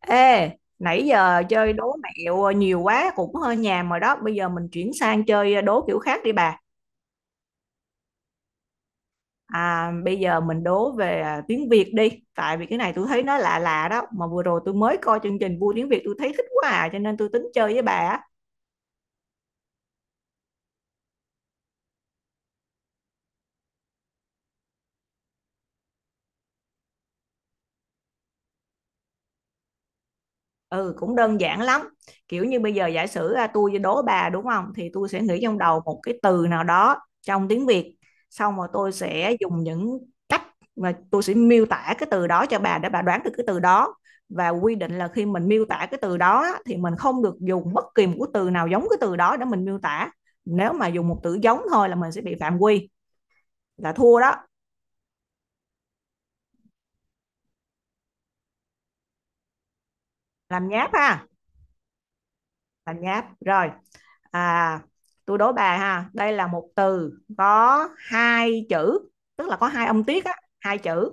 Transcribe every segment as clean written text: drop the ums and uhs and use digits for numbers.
Ê, nãy giờ chơi đố mẹo nhiều quá cũng hơi nhàm rồi đó. Bây giờ mình chuyển sang chơi đố kiểu khác đi bà. Bây giờ mình đố về tiếng Việt đi. Tại vì cái này tôi thấy nó lạ lạ đó. Mà vừa rồi tôi mới coi chương trình Vui Tiếng Việt, tôi thấy thích quá à. Cho nên tôi tính chơi với bà. Á. Ừ, cũng đơn giản lắm. Kiểu như bây giờ giả sử tôi đố bà, đúng không? Thì tôi sẽ nghĩ trong đầu một cái từ nào đó trong tiếng Việt. Xong rồi tôi sẽ dùng những cách mà tôi sẽ miêu tả cái từ đó cho bà, để bà đoán được cái từ đó. Và quy định là khi mình miêu tả cái từ đó á, thì mình không được dùng bất kỳ một cái từ nào giống cái từ đó để mình miêu tả. Nếu mà dùng một từ giống thôi là mình sẽ bị phạm quy, là thua đó. Làm nháp ha. Làm nháp. Rồi, à tôi đố bà ha, đây là một từ có hai chữ, tức là có hai âm tiết á, hai chữ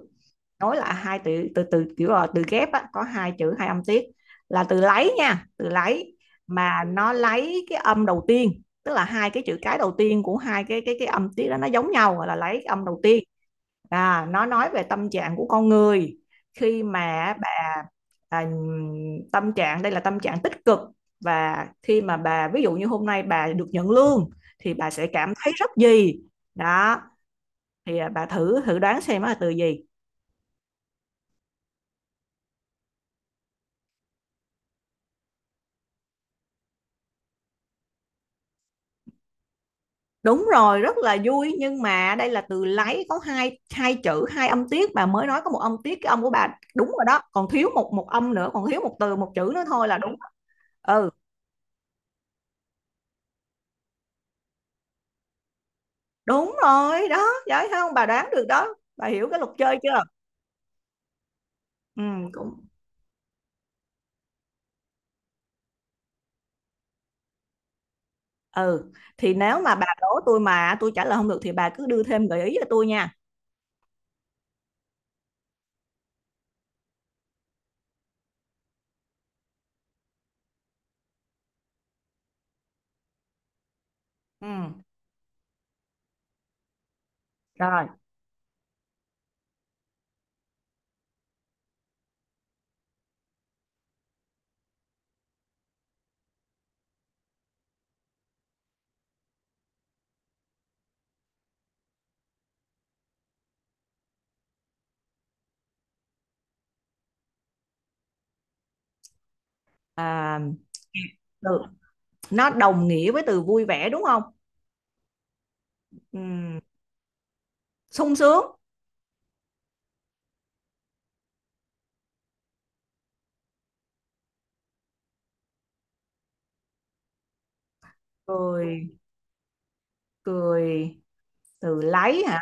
nối lại, hai từ từ từ kiểu là từ ghép á, có hai chữ, hai âm tiết, là từ lấy nha, từ lấy. Mà nó lấy cái âm đầu tiên, tức là hai cái chữ cái đầu tiên của hai cái âm tiết đó nó giống nhau, gọi là lấy âm đầu tiên. Nó nói về tâm trạng của con người khi mà bà à, tâm trạng đây là tâm trạng tích cực. Và khi mà bà ví dụ như hôm nay bà được nhận lương thì bà sẽ cảm thấy rất gì đó. Thì bà thử thử đoán xem nó là từ gì. Đúng rồi, rất là vui, nhưng mà đây là từ lấy có hai hai chữ, hai âm tiết, bà mới nói có một âm tiết, cái âm của bà đúng rồi đó, còn thiếu một một âm nữa, còn thiếu một từ, một chữ nữa thôi là đúng. Ừ, đúng rồi đó, giỏi không? Bà đoán được đó. Bà hiểu cái luật chơi chưa? Ừ, cũng ừ, thì nếu mà bà đố tôi mà tôi trả lời không được thì bà cứ đưa thêm gợi ý cho tôi nha. Ừ, rồi. À, từ nó đồng nghĩa với từ vui vẻ đúng không? Ừ, sung sướng, cười cười từ lấy hả,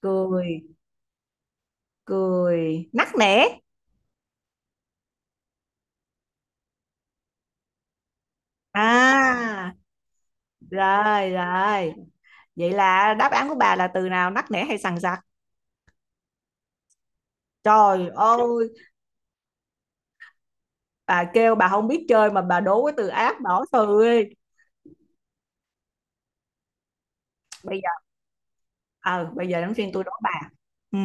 cười cười nắc nẻ. À rồi, rồi, vậy là đáp án của bà là từ nào, nắc nẻ hay sằng sặc? Trời ơi, bà kêu bà không biết chơi mà bà đố cái từ ác, bỏ từ đi. Bây giờ ờ bây giờ đến phiên tôi đố bà. Ừ.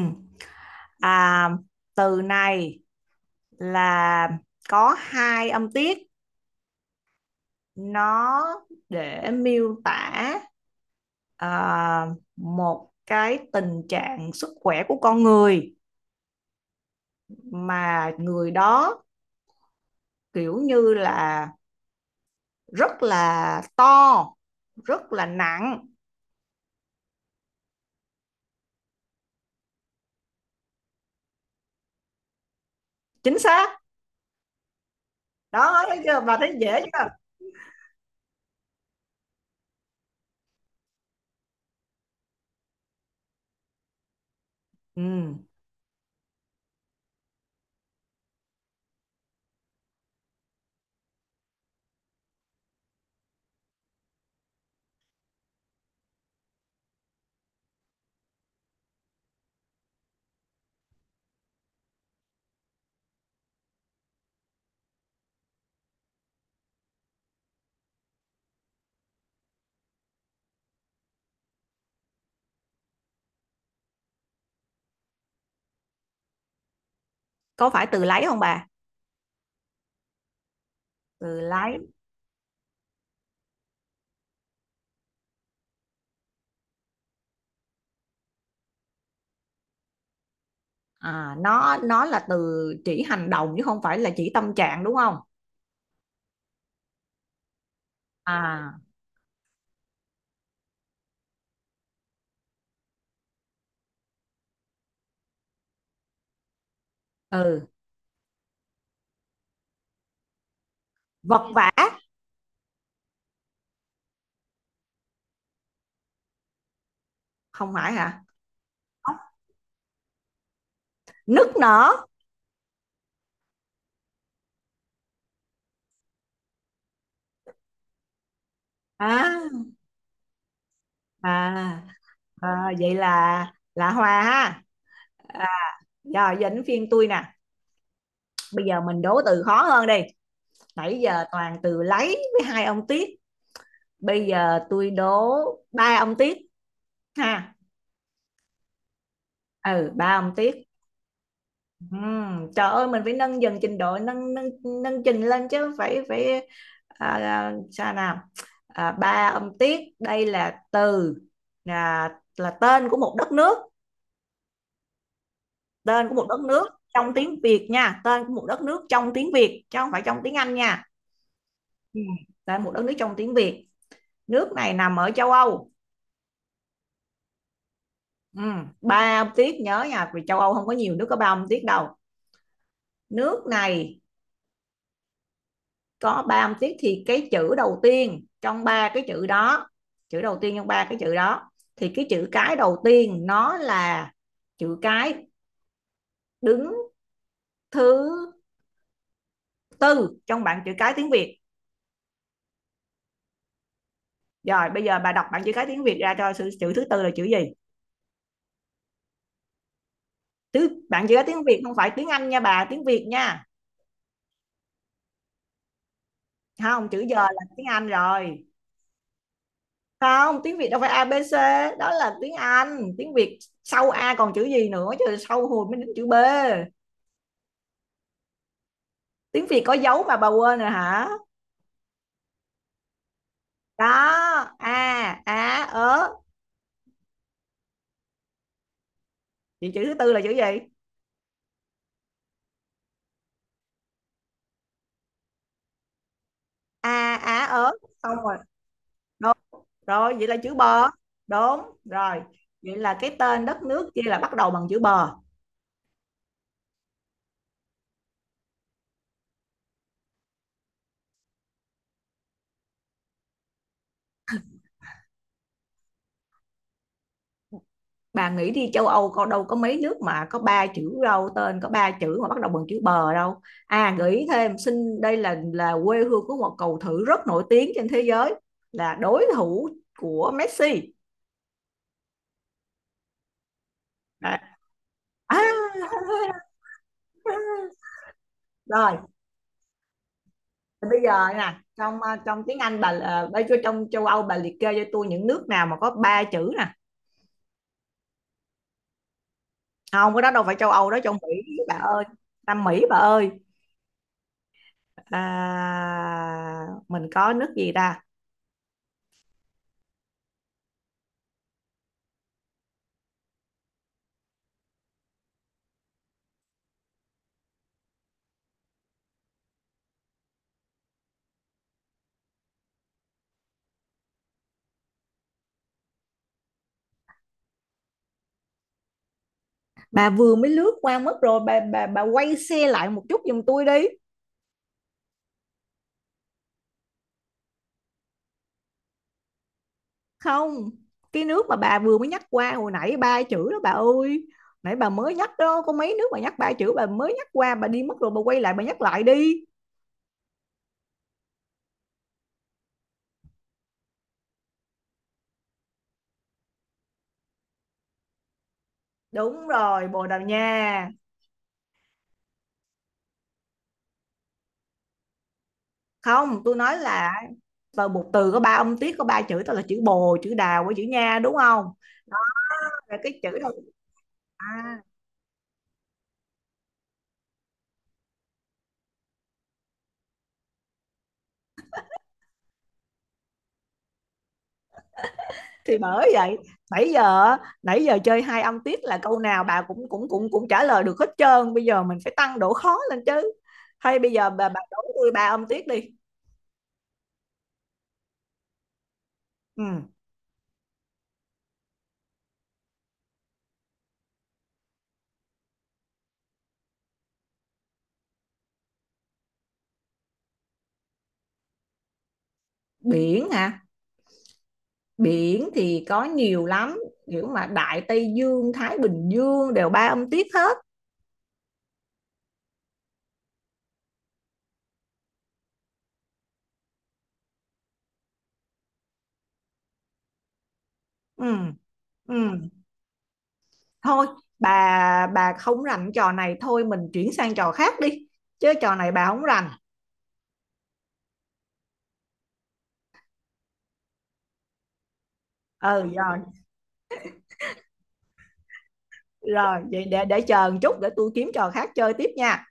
À, từ này là có hai âm tiết, nó để miêu tả à, một cái tình trạng sức khỏe của con người, mà người đó kiểu như là rất là to, rất là nặng. Chính xác đó, thấy chưa, bà thấy dễ chưa? Ừ. Có phải từ lấy không bà? Từ lấy. À, nó là từ chỉ hành động chứ không phải là chỉ tâm trạng, đúng không? À, ừ, vật vã. Không phải hả? Nức nở. À, à, à vậy là hòa ha. À, rồi giờ đến phiên tôi nè. Bây giờ mình đố từ khó hơn đi, nãy giờ toàn từ lấy với hai ông Tiết, bây giờ tôi đố ba ông Tiết ha. Ừ, ba ông Tiết. Trời ơi, mình phải nâng dần trình độ, nâng nâng nâng trình lên chứ, phải phải. Sao nào. À, ba ông Tiết đây là từ, là là tên của một đất nước, tên của một đất nước trong tiếng Việt nha, tên của một đất nước trong tiếng Việt chứ không phải trong tiếng Anh nha. Ừ. Tên một đất nước trong tiếng Việt, nước này nằm ở châu Âu. Ừ. Ba âm tiết nhớ nha, vì châu Âu không có nhiều nước có ba âm tiết đâu. Nước này có ba âm tiết, thì cái chữ đầu tiên trong ba cái chữ đó, chữ đầu tiên trong ba cái chữ đó, thì cái chữ cái đầu tiên nó là chữ cái đứng thứ tư trong bảng chữ cái tiếng Việt. Rồi bây giờ bà đọc bảng chữ cái tiếng Việt ra cho, chữ thứ tư là chữ gì? Tứ bạn chỉ có tiếng Việt, không phải tiếng Anh nha bà, tiếng Việt nha. Không, chữ giờ là tiếng Anh rồi. Không, tiếng Việt đâu phải a ABC, đó là tiếng Anh. Tiếng Việt sau A còn chữ gì nữa chứ, sau hồi mới đến chữ B. Tiếng Việt có dấu mà bà quên rồi hả? Đó, A, Á, ớ. Vậy chữ thứ tư là chữ gì? A, Á, ớ. Xong rồi. Đúng. Rồi, vậy là chữ bờ. Đúng, rồi. Vậy là cái tên đất nước kia là bắt đầu bằng chữ bờ. Bà nghĩ đi, châu Âu có đâu có mấy nước mà có ba chữ đâu, tên có ba chữ mà bắt đầu bằng chữ bờ đâu. À, gợi ý thêm xin, đây là quê hương của một cầu thủ rất nổi tiếng trên thế giới, là đối thủ của Messi. Đấy. À, à. Rồi, thì bây giờ nè, trong trong tiếng Anh bà bây giờ trong châu Âu bà liệt kê cho tôi những nước nào mà có ba chữ nè. Không, cái đó đâu phải châu Âu, đó trong Mỹ bà ơi, Nam Mỹ bà ơi. À, mình có nước gì ta. Bà vừa mới lướt qua mất rồi, bà quay xe lại một chút giùm tôi đi. Không, cái nước mà bà vừa mới nhắc qua hồi nãy ba chữ đó bà ơi, nãy bà mới nhắc đó, có mấy nước bà nhắc ba chữ, bà mới nhắc qua bà đi mất rồi, bà quay lại bà nhắc lại đi. Đúng rồi, Bồ Đào Nha. Không, tôi nói là từ một từ có ba âm tiết, có ba chữ, đó là chữ bồ, chữ đào với chữ nha đúng không, là cái chữ đó. À thì bởi vậy, nãy giờ á, nãy giờ chơi hai âm tiết là câu nào bà cũng cũng cũng cũng trả lời được hết trơn, bây giờ mình phải tăng độ khó lên chứ. Hay bây giờ bà đổi tôi ba âm tiết đi. Ừ. Biển hả? Biển thì có nhiều lắm, kiểu mà Đại Tây Dương, Thái Bình Dương đều ba âm tiết hết. Ừ, ừ. Thôi, bà không rành trò này, thôi mình chuyển sang trò khác đi, chứ trò này bà không rành. Ừ, rồi, rồi vậy để chờ một chút để tôi kiếm trò khác chơi tiếp nha.